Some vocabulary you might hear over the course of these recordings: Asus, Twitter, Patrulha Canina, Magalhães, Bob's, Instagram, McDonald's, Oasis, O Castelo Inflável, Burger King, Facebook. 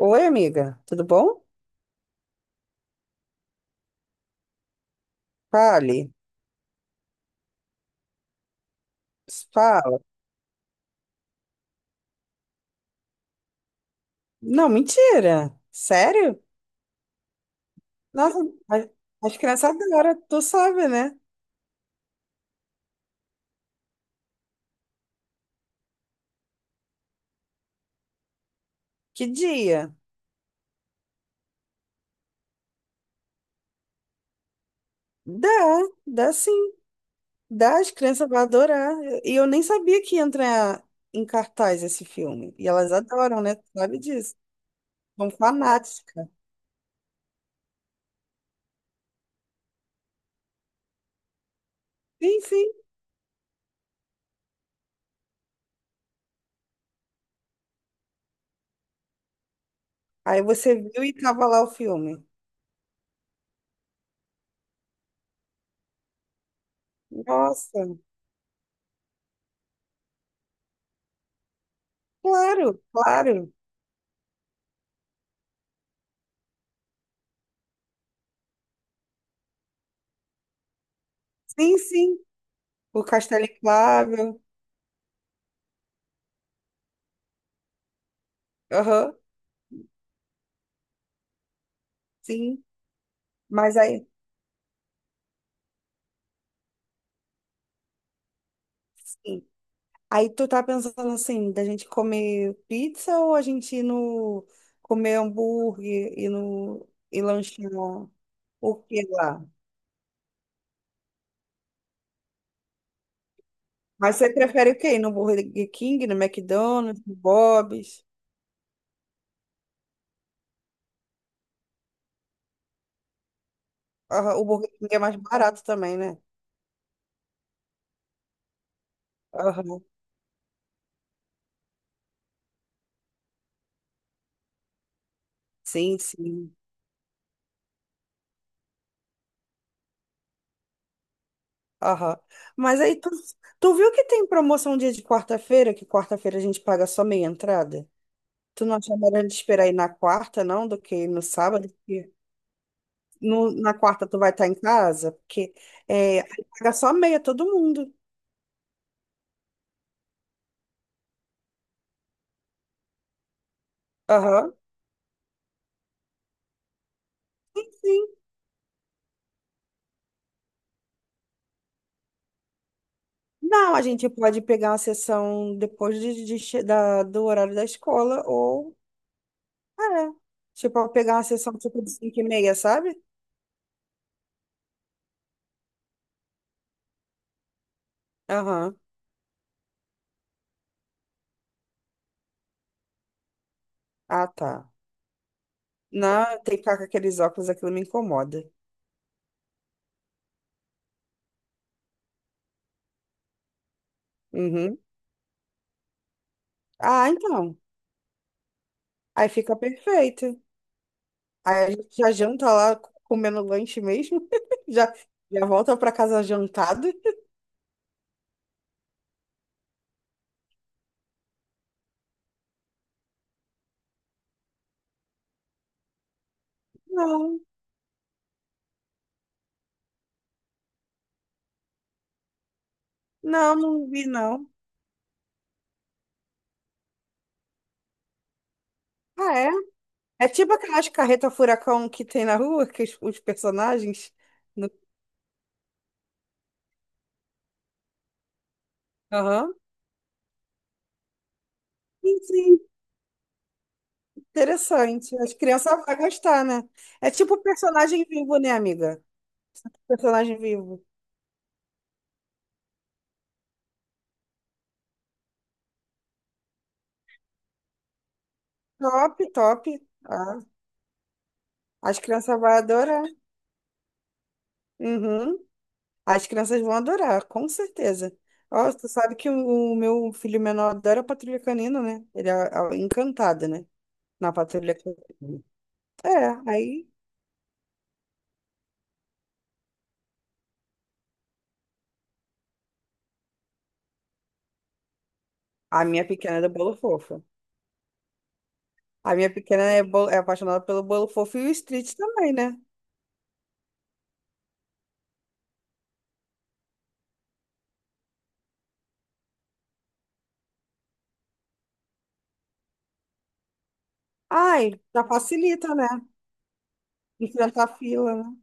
Oi, amiga, tudo bom? Fale, fala. Não, mentira. Sério? Nossa, a- acho que nessa hora tu sabe, né? Que dia? Dá, dá sim. Dá, as crianças vão adorar. E eu nem sabia que ia entrar em cartaz esse filme. E elas adoram, né? Tu sabe disso. São fanáticas. Sim, sim. Aí você viu e tava lá o filme. Nossa, claro, claro. Sim, sim. O Castelo Inflável. Aham, sim. Mas aí, sim. Aí tu tá pensando assim, da gente comer pizza ou a gente ir no comer hambúrguer e no e lanchar o que lá? Mas você prefere o quê? Ir no Burger King, no McDonald's, no Bob's? Aham, o Burger King é mais barato também, né? Aham. Sim, sim. Aham. Mas aí tu viu que tem promoção dia de quarta-feira, que quarta-feira a gente paga só meia entrada? Tu não acha melhor a gente esperar ir na quarta, não, do que ir no sábado? Na quarta tu vai estar em casa, porque é, aí paga só meia todo mundo. Aham. Sim. Não, a gente pode pegar uma sessão depois do horário da escola, ou é, tipo, pegar uma sessão tipo de 5 e meia, sabe? Aham. Ah, tá. Não, tem que ficar com aqueles óculos, aquilo me incomoda. Uhum. Ah, então. Aí fica perfeito. Aí a gente já janta lá comendo lanche mesmo. Já, já volta pra casa jantado. Não. Não, não vi, não. Ah, é? É tipo aquelas carreta furacão que tem na rua, que os personagens. no- Aham. Sim, sim, interessante. As crianças vão gostar, né? É tipo personagem vivo, né, amiga? Personagem vivo. Top, top. Ah, as crianças vão adorar. Uhum. As crianças vão adorar, com certeza. Ó, tu sabe que o meu filho menor adora Patrulha Canina, né? Ele é, é encantado, né? Na Patrulha Canina. É, aí. A minha pequena é do bolo fofo. A minha pequena é, é apaixonada pelo bolo fofo e o street também, né? Ai, já facilita, né? Enfrentar a fila, né?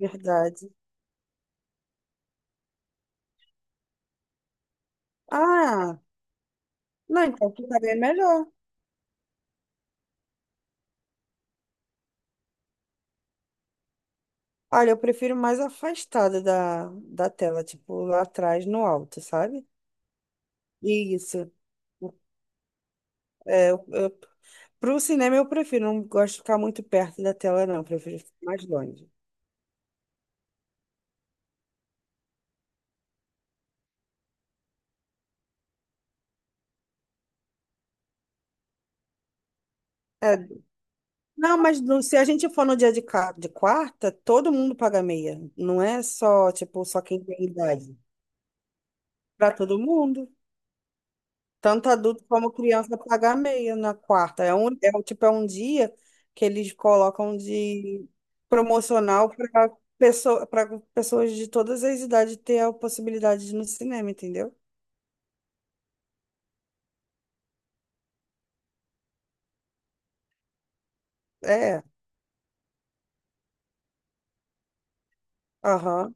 Verdade. Ah, não, então ficaria melhor. Olha, eu prefiro mais afastada da tela, tipo lá atrás, no alto, sabe? Isso. É, pro cinema eu prefiro, não gosto de ficar muito perto da tela, não. Prefiro ficar mais longe. É. Não, mas se a gente for no dia de quarta, todo mundo paga meia. Não é só, tipo, só quem tem idade. Para todo mundo. Tanto adulto como criança paga meia na quarta. Tipo, é um dia que eles colocam de promocional para pessoa, para pessoas de todas as idades ter a possibilidade de ir no cinema, entendeu? É. Aham.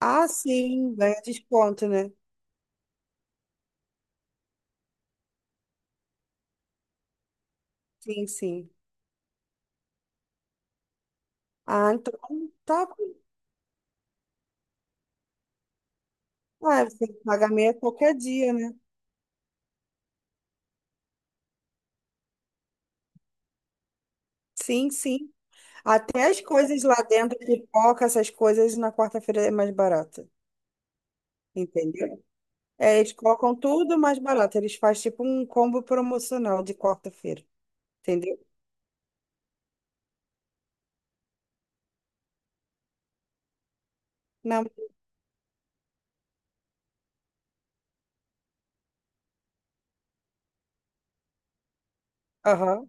Ah, sim, ganha desconto, né? Sim, sim. Ah, então tá. Ah, você paga meia qualquer dia, né? Sim, sim. Até as coisas lá dentro, pipoca, essas coisas na quarta-feira é mais barata, entendeu? É, eles colocam tudo mais barato. Eles fazem tipo um combo promocional de quarta-feira, entendeu? Não, aham,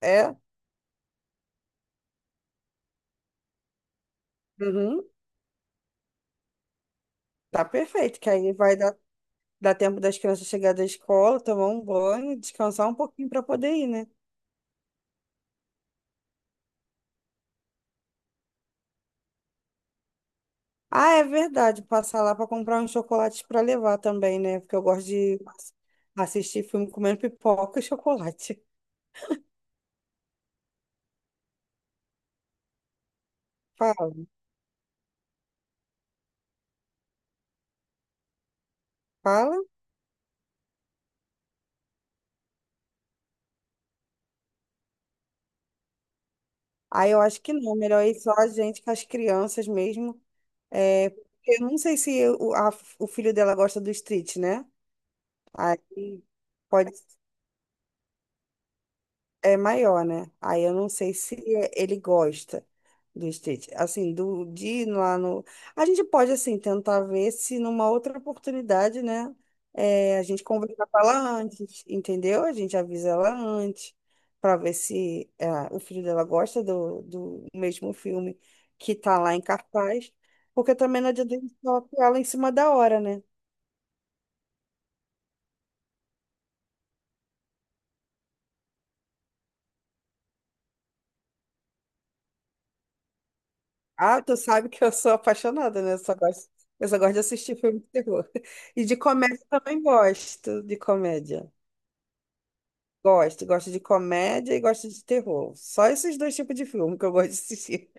é, uhum, tá perfeito, que aí vai dar, dar tempo das crianças chegar da escola, tomar um banho, descansar um pouquinho para poder ir, né? Ah, é verdade, passar lá para comprar uns chocolates para levar também, né? Porque eu gosto de assistir filme comendo pipoca e chocolate. Fala, fala. Aí eu acho que não, melhor ir só a gente com as crianças mesmo. É, porque eu não sei se o filho dela gosta do street, né? Aí pode. É maior, né? Aí eu não sei se ele gosta do street. Assim, do de ir lá no. A gente pode, assim, tentar ver se numa outra oportunidade, né? É, a gente conversa com ela antes, entendeu? A gente avisa ela antes, para ver se é, o filho dela gosta do mesmo filme que tá lá em cartaz. Porque também não adianta a gente só apoiar ela em cima da hora, né? Ah, tu sabe que eu sou apaixonada, né? Eu só gosto de assistir filme de terror. E de comédia também gosto de comédia. Gosto, gosto de comédia e gosto de terror. Só esses dois tipos de filme que eu gosto de assistir.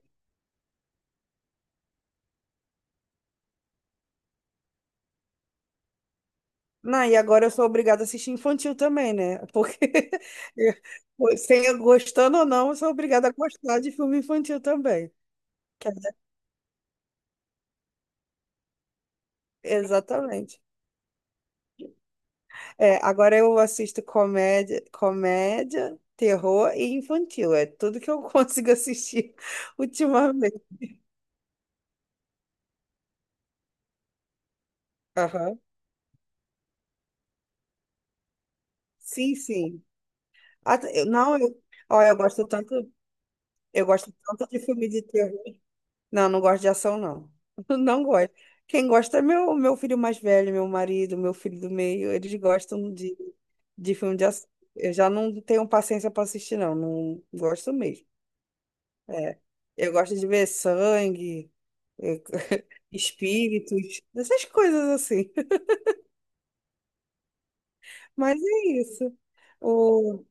Não, e agora eu sou obrigada a assistir infantil também, né? Porque sem eu gostando ou não, eu sou obrigada a gostar de filme infantil também. Que é- Exatamente. É, agora eu assisto comédia, comédia, terror e infantil. É tudo que eu consigo assistir ultimamente. Aham. Sim, sim. Ah, não, eu, olha, eu gosto tanto de filme de terror. Não, não gosto de ação, não. Não gosto. Quem gosta é meu, meu filho mais velho, meu marido, meu filho do meio. Eles gostam de filme de ação. Eu já não tenho paciência para assistir, não. Não gosto mesmo. É. Eu gosto de ver sangue, espíritos, essas coisas assim. Mas é isso. O...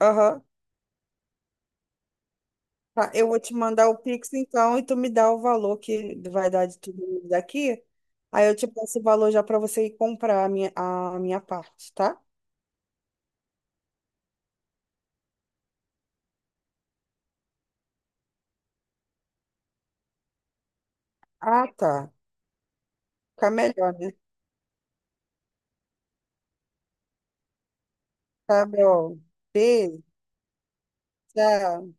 Aham. Tá, eu vou te mandar o Pix então e tu me dá o valor que vai dar de tudo daqui. Aí eu te passo o valor já para você ir comprar a minha parte, tá? Ah, tá. Fica melhor, né? Tá bom. Beijo, tchau.